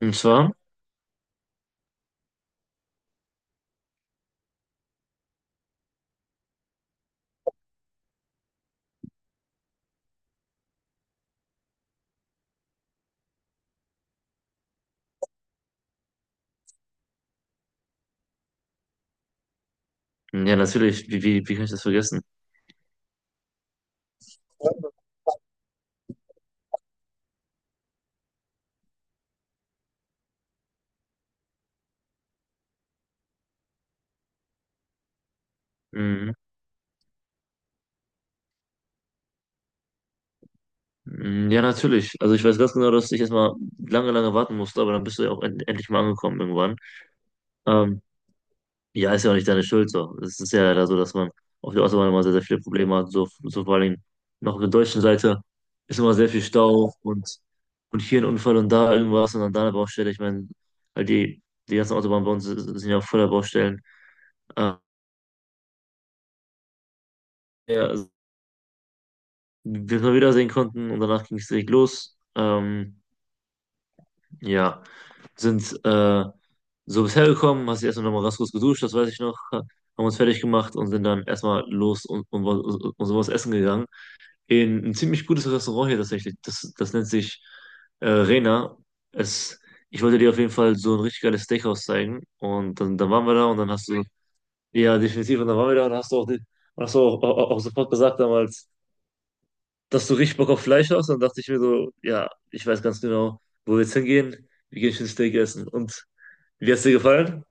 Und zwar, ja, natürlich, wie kann ich das vergessen? Mhm. Mhm, ja, natürlich. Also ich weiß ganz genau, dass ich erstmal lange warten musste, aber dann bist du ja auch endlich mal angekommen irgendwann. Ähm, ja, ist ja auch nicht deine Schuld so. Es ist ja leider so, dass man auf der Autobahn immer sehr, sehr viele Probleme hat. So vor allen Dingen noch auf der deutschen Seite ist immer sehr viel Stau und hier ein Unfall und da irgendwas und dann da eine Baustelle. Ich meine, halt die, die ganzen Autobahnen bei uns sind ja auch voller Baustellen. Äh, ja, also, bis wir wiedersehen konnten und danach ging es direkt los. Ja, sind so bisher gekommen, hast dich erstmal nochmal ganz kurz geduscht, das weiß ich noch, haben uns fertig gemacht und sind dann erstmal los und so was essen gegangen. In ein ziemlich gutes Restaurant hier tatsächlich, das nennt sich Rena. Es, Ich wollte dir auf jeden Fall so ein richtig geiles Steakhouse zeigen und dann waren wir da und ja definitiv, und dann waren wir da und hast du auch, sofort gesagt damals, dass du richtig Bock auf Fleisch hast. Dann dachte ich mir so, ja, ich weiß ganz genau, wo wir jetzt hingehen. Wir gehen schön Steak essen. Und wie hat's dir gefallen?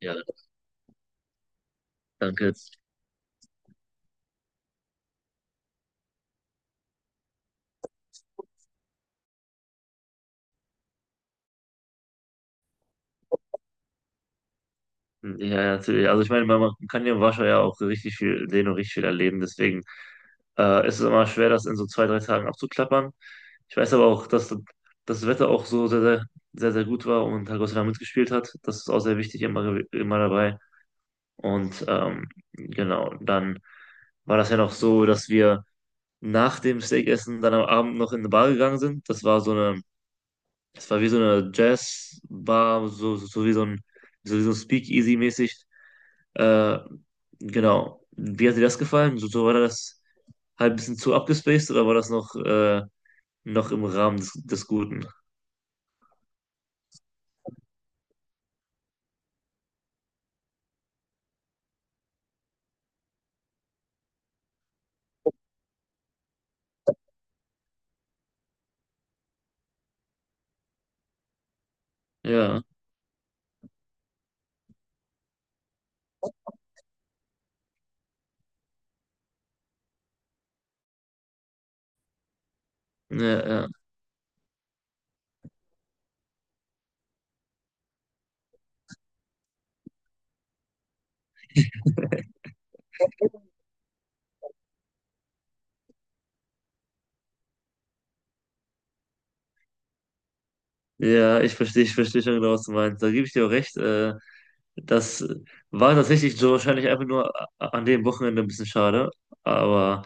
Ja, danke. Ja, ja, natürlich. Also ich meine, man kann hier in Warschau ja auch richtig viel sehen und richtig viel erleben. Deswegen ist es immer schwer, das in so zwei, drei Tagen abzuklappern. Ich weiß aber auch, dass das Wetter auch so sehr gut war und Herr mitgespielt hat. Das ist auch sehr wichtig, immer dabei. Und genau, dann war das ja noch so, dass wir nach dem Steakessen dann am Abend noch in eine Bar gegangen sind. Das war so eine, das war wie so eine Jazzbar, wie so ein Speakeasy-mäßig. Äh, genau. Wie hat dir das gefallen? So war das halt ein bisschen zu abgespaced oder war das noch, noch im Rahmen des Guten? Ja, ja, ja. Ja, ich verstehe schon genau, was du meinst. Da gebe ich dir auch recht. Das war tatsächlich so wahrscheinlich einfach nur an dem Wochenende ein bisschen schade. Aber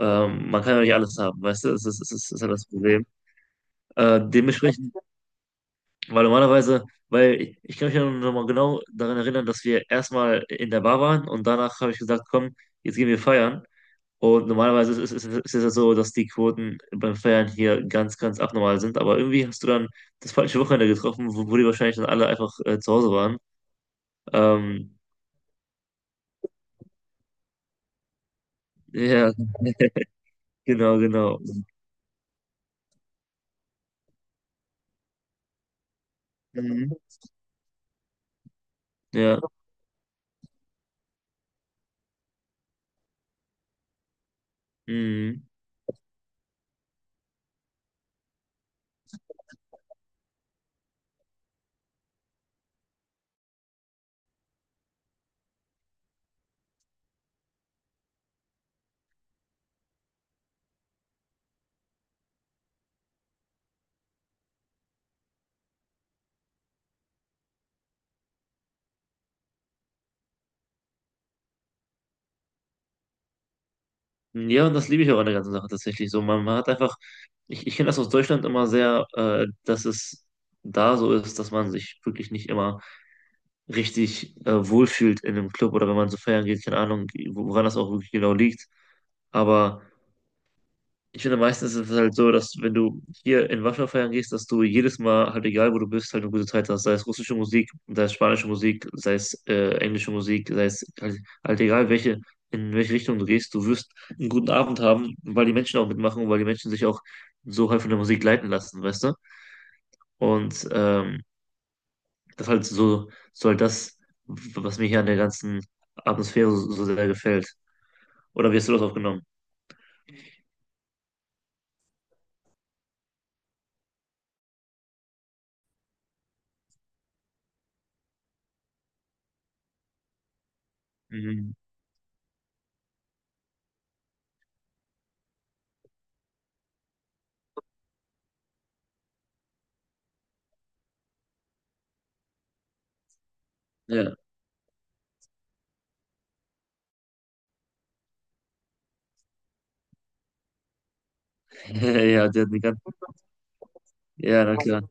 Man kann ja nicht alles haben, weißt du? Das ist ja das Problem. Dementsprechend, weil ich kann mich ja noch mal genau daran erinnern, dass wir erstmal in der Bar waren und danach habe ich gesagt, komm, jetzt gehen wir feiern. Und normalerweise ist es ja so, dass die Quoten beim Feiern hier ganz abnormal sind. Aber irgendwie hast du dann das falsche Wochenende getroffen, wo die wahrscheinlich dann alle einfach zu Hause waren. Ähm, ja, genau. Mhm. Ja. Mhm. Ja, und das liebe ich auch an der ganzen Sache tatsächlich so. Man hat einfach, ich kenne das aus Deutschland immer sehr, dass es da so ist, dass man sich wirklich nicht immer richtig wohlfühlt in einem Club oder wenn man so feiern geht, keine Ahnung, woran das auch wirklich genau liegt. Aber. Ich finde, meistens ist es halt so, dass wenn du hier in Warschau feiern gehst, dass du jedes Mal, halt egal wo du bist, halt eine gute Zeit hast. Sei es russische Musik, sei es spanische Musik, sei es englische Musik, halt egal welche, in welche Richtung du gehst, du wirst einen guten Abend haben, weil die Menschen auch mitmachen und weil die Menschen sich auch so halt von der Musik leiten lassen, weißt du? Und das ist halt das, was mir hier an der ganzen Atmosphäre so sehr gefällt. Oder wie hast du das aufgenommen? Mhm. Ja, ja, ja, na klar.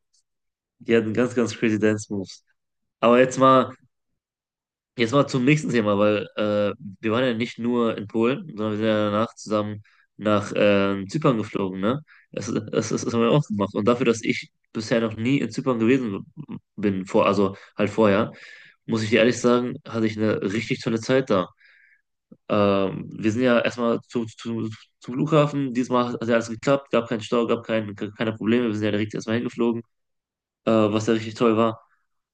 Die hatten ganz crazy Dance Moves. Aber jetzt mal zum nächsten Thema, weil wir waren ja nicht nur in Polen, sondern wir sind ja danach zusammen nach Zypern geflogen, ne? Das haben wir auch gemacht. Und dafür, dass ich bisher noch nie in Zypern gewesen bin, also halt vorher, muss ich dir ehrlich sagen, hatte ich eine richtig tolle Zeit da. Wir sind ja erstmal zum Flughafen. Diesmal hat ja alles geklappt, gab keinen Stau, gab kein, keine Probleme. Wir sind ja direkt erstmal hingeflogen, was ja richtig toll war.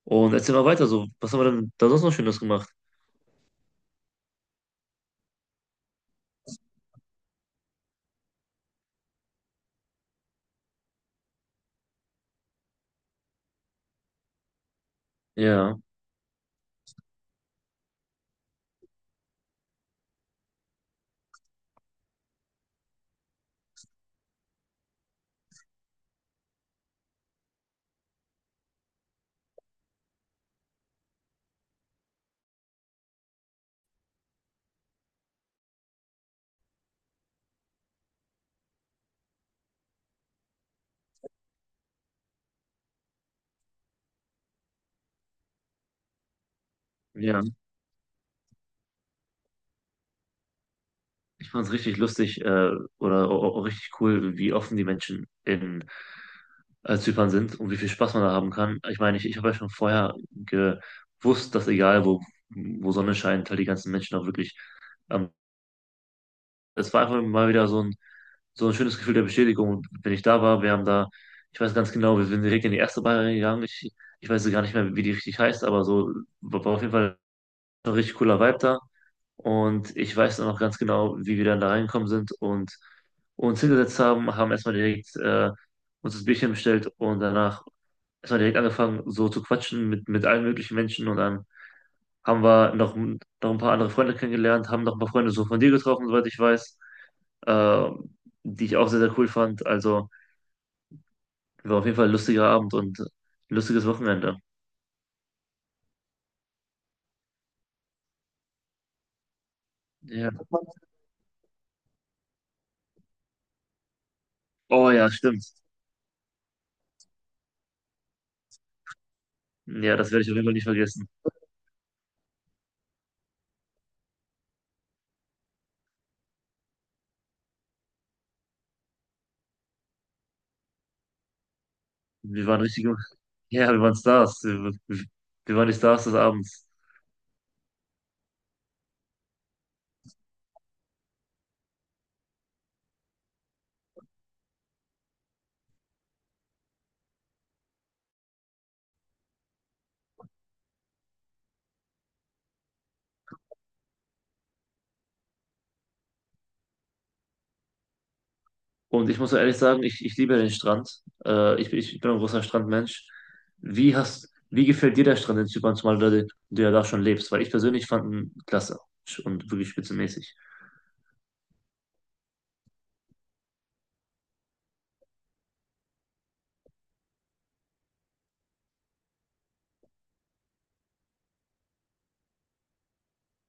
Und erzähl mal weiter so. Was haben wir denn da sonst noch Schönes gemacht? Ja, ja. Ich fand es richtig lustig richtig cool, wie offen die Menschen in Zypern sind und wie viel Spaß man da haben kann. Ich meine, ich habe ja schon vorher gewusst, dass egal wo Sonne scheint, halt die ganzen Menschen auch wirklich. Ähm, es war einfach mal wieder so ein schönes Gefühl der Bestätigung. Und wenn ich da war, ich weiß ganz genau, wir sind direkt in die erste Bar gegangen. Ich weiß gar nicht mehr, wie die richtig heißt, aber so war auf jeden Fall ein richtig cooler Vibe da. Und ich weiß dann noch ganz genau, wie wir dann da reingekommen sind und uns hingesetzt haben, haben erstmal direkt uns das Bierchen bestellt und danach erstmal direkt angefangen, so zu quatschen mit allen möglichen Menschen und dann haben wir noch, noch ein paar andere Freunde kennengelernt, haben noch ein paar Freunde so von dir getroffen, soweit ich weiß, äh, die ich auch sehr, sehr cool fand. Also war auf jeden Fall ein lustiger Abend und ein lustiges Wochenende. Ja. Oh ja, stimmt. Ja, das werde ich auf jeden Fall nicht vergessen. Wir waren richtig, ja, wir waren Stars. Wir waren die Stars des Abends. Und ich muss so ehrlich sagen, ich liebe den Strand. Ich bin ein großer Strandmensch. Wie gefällt dir der Strand in Zypern, zumal du ja da schon lebst? Weil ich persönlich fand ihn klasse und wirklich spitzenmäßig.